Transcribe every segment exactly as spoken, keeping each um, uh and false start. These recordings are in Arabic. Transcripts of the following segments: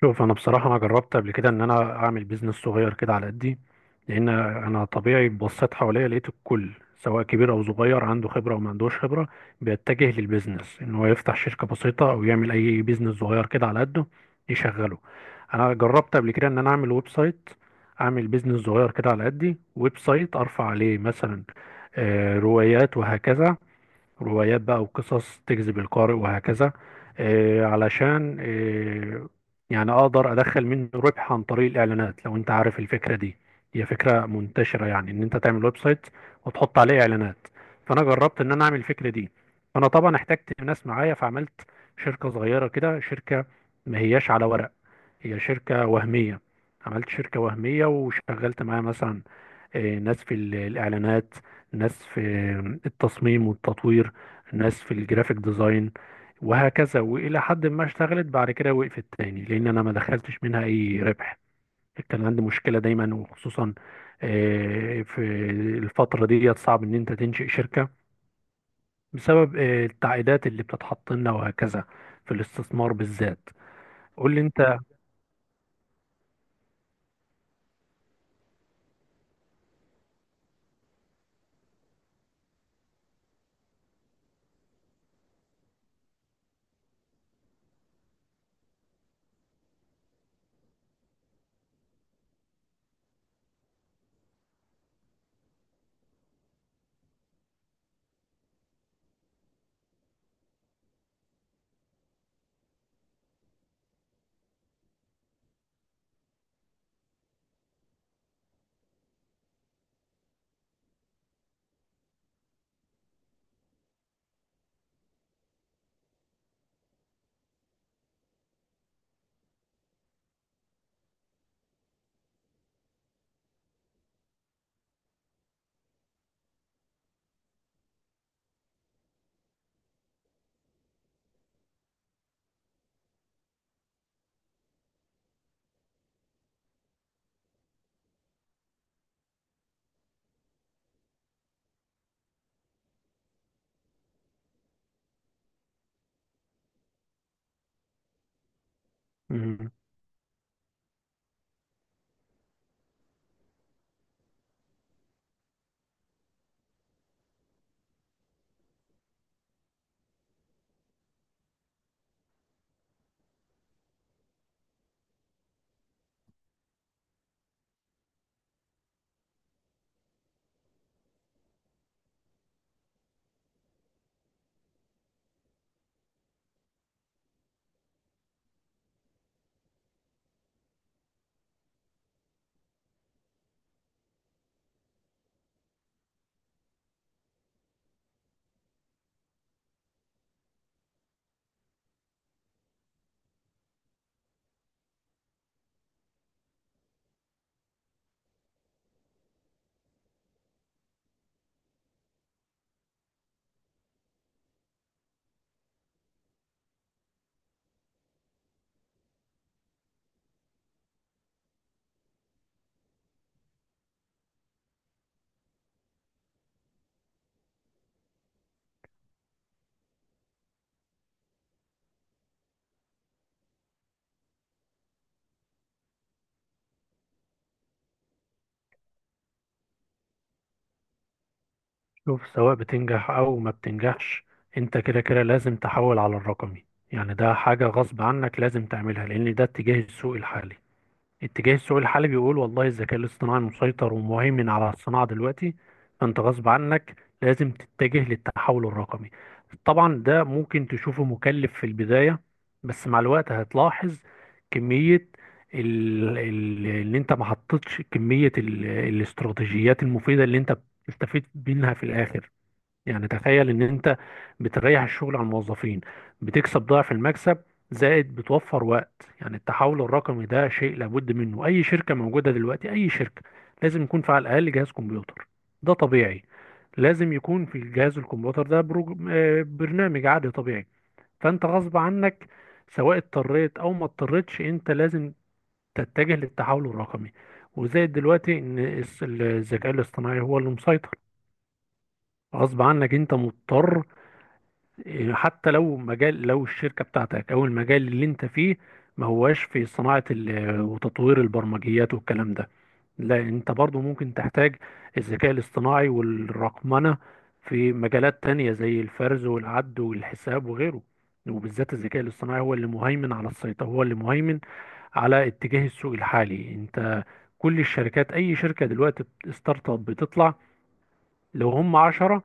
شوف، انا بصراحه انا جربت قبل كده ان انا اعمل بيزنس صغير كده على قدي. لان انا طبيعي بصيت حواليا، لقيت الكل سواء كبير او صغير عنده خبره او ما عندوش خبره بيتجه للبيزنس ان هو يفتح شركه بسيطه او يعمل اي بيزنس صغير كده على قده يشغله. انا جربت قبل كده ان انا اعمل ويب سايت، اعمل بيزنس صغير كده على قدي، ويب سايت ارفع عليه مثلا آه، روايات وهكذا، روايات بقى وقصص تجذب القارئ وهكذا، آه، علشان آه، يعني اقدر ادخل منه ربح عن طريق الاعلانات، لو انت عارف الفكره دي. هي فكره منتشره، يعني ان انت تعمل ويب سايت وتحط عليه اعلانات. فانا جربت ان انا اعمل الفكره دي، فانا طبعا احتجت ناس معايا، فعملت شركه صغيره كده، شركه ما هياش على ورق، هي شركه وهميه. عملت شركه وهميه وشغلت معايا مثلا آه، ناس في ال- الإعلانات، ناس في آه، التصميم والتطوير، ناس في الجرافيك ديزاين وهكذا. وإلى حد ما اشتغلت، بعد كده وقفت تاني، لأن أنا ما دخلتش منها أي ربح. كان عندي مشكلة دايما، وخصوصا آه، في الفترة دي صعب إن أنت تنشئ شركة، بسبب آه، التعقيدات اللي بتتحط لنا وهكذا، في الاستثمار بالذات. قول لي أنت. شوف، سواء بتنجح او ما بتنجحش، انت كده كده لازم تحول على الرقمي. يعني ده حاجة غصب عنك لازم تعملها، لان ده اتجاه السوق الحالي. اتجاه السوق الحالي بيقول والله الذكاء الاصطناعي مسيطر ومهيمن على الصناعة دلوقتي. فانت غصب عنك لازم تتجه للتحول الرقمي. طبعا ده ممكن تشوفه مكلف في البداية، بس مع الوقت هتلاحظ كمية ال- ال- اللي انت ما حطيتش كمية ال- الاستراتيجيات المفيدة اللي انت بتستفيد منها في الاخر. يعني تخيل ان انت بتريح الشغل على الموظفين، بتكسب ضعف المكسب، زائد بتوفر وقت. يعني التحول الرقمي ده شيء لابد منه، اي شركة موجودة دلوقتي، اي شركة، لازم يكون في على الاقل جهاز كمبيوتر. ده طبيعي. لازم يكون في الجهاز الكمبيوتر ده بروج... آه، برنامج عادي طبيعي. فانت غصب عنك، سواء اضطريت او ما اضطريتش، انت لازم تتجه للتحول الرقمي. وزائد دلوقتي ان الس- الذكاء الاصطناعي هو اللي مسيطر. غصب عنك، انت مضطر. حتى لو مجال، لو الشركة بتاعتك او المجال اللي انت فيه ما هواش في صناعة ال- وتطوير البرمجيات والكلام ده، لا انت برضو ممكن تحتاج الذكاء الاصطناعي والرقمنة في مجالات تانية زي الفرز والعد والحساب وغيره. وبالذات الذكاء الاصطناعي هو اللي مهيمن على السيطرة، هو اللي مهيمن على اتجاه السوق الحالي. انت كل الشركات، اي شركة دلوقتي، ستارت اب بتطلع، لو هم عشرة،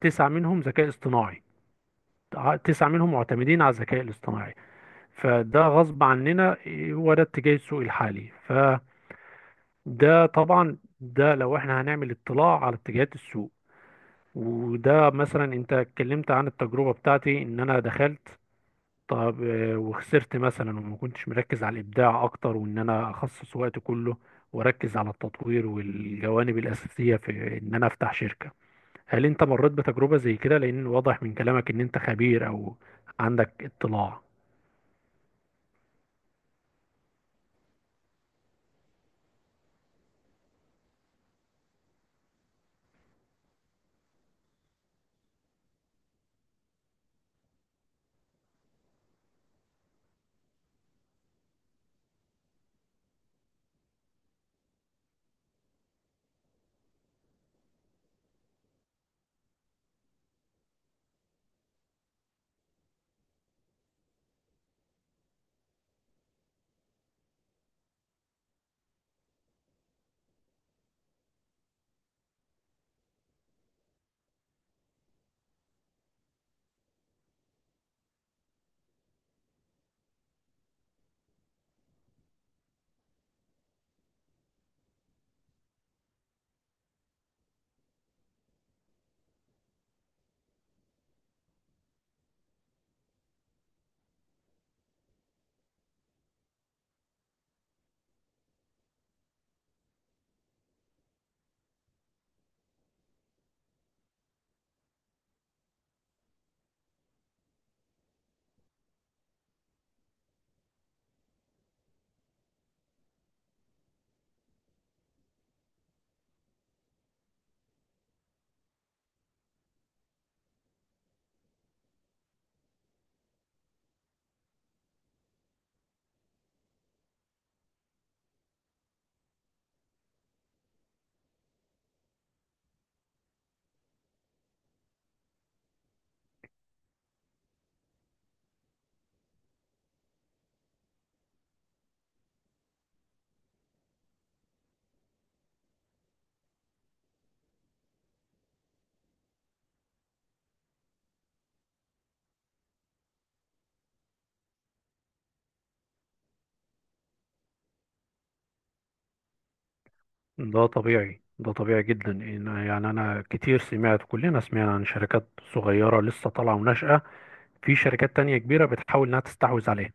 تسعة منهم ذكاء اصطناعي، ع- تسعة منهم معتمدين على الذكاء الاصطناعي. فده غصب عننا، إيه، هو ده اتجاه السوق الحالي. فده طبعا، ده لو احنا هنعمل اطلاع على اتجاهات السوق. وده مثلا انت اتكلمت عن التجربة بتاعتي ان انا دخلت. طب آه، وخسرت مثلا وما كنتش مركز على الابداع اكتر، وان انا اخصص وقت كله واركز على التطوير والجوانب الاساسية في ان انا افتح شركة. هل انت مريت بتجربة زي كده؟ لان واضح من كلامك ان انت خبير او عندك اطلاع. ده طبيعي، ده طبيعي جدا. إن- يعني انا كتير سمعت، كلنا سمعنا عن شركات صغيرة لسه طالعة وناشئة، في شركات تانية كبيرة بتحاول انها تستحوذ عليها.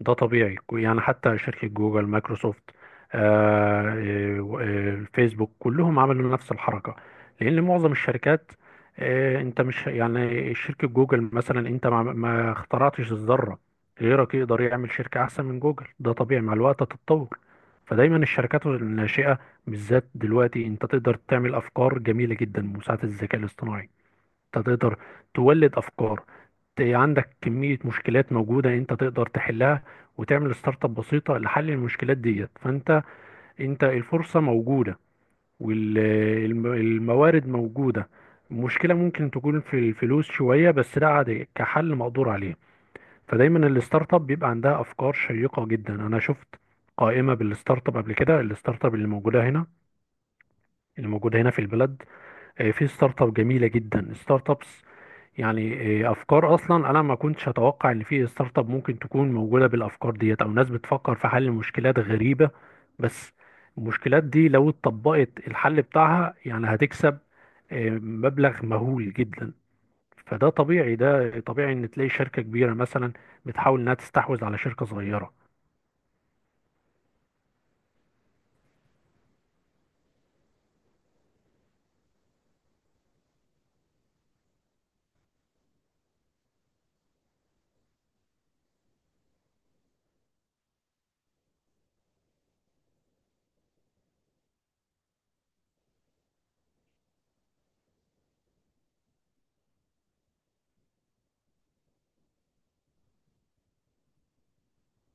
ده طبيعي، يعني حتى شركة جوجل، مايكروسوفت، آه، آه، آه، فيسبوك، كلهم عملوا نفس الحركة. لأن معظم الشركات، آه، أنت مش يعني شركة جوجل مثلا، أنت ما ما اخترعتش الذرة. غيرك يقدر يعمل شركة أحسن من جوجل، ده طبيعي، مع الوقت هتتطور. فدايما الشركات الناشئة، بالذات دلوقتي، أنت تقدر تعمل أفكار جميلة جدا بمساعدة الذكاء الاصطناعي. انت تقدر تولد افكار، ت- عندك كمية مشكلات موجودة انت تقدر تحلها وتعمل ستارت اب بسيطة لحل المشكلات ديت. فانت انت الفرصة موجودة والموارد موجودة. المشكلة ممكن تكون في الفلوس شوية، بس ده عادي، كحل مقدور عليه. فدايما الستارت اب بيبقى عندها افكار شيقة جدا. انا شفت قائمة بالستارت اب قبل كده، الستارت اب اللي موجودة هنا، اللي موجودة هنا في البلد، آه، في ستارت اب جميلة جدا. ستارت اب يعني آه، افكار اصلا انا ما كنتش اتوقع ان في ستارت اب ممكن تكون موجوده بالافكار ديت، او ناس بتفكر في حل مشكلات غريبه. بس المشكلات دي لو اتطبقت الحل بتاعها يعني هتكسب آه، مبلغ مهول جدا. فده طبيعي، ده طبيعي ان تلاقي شركه كبيره مثلا بتحاول انها تستحوذ على شركه صغيره.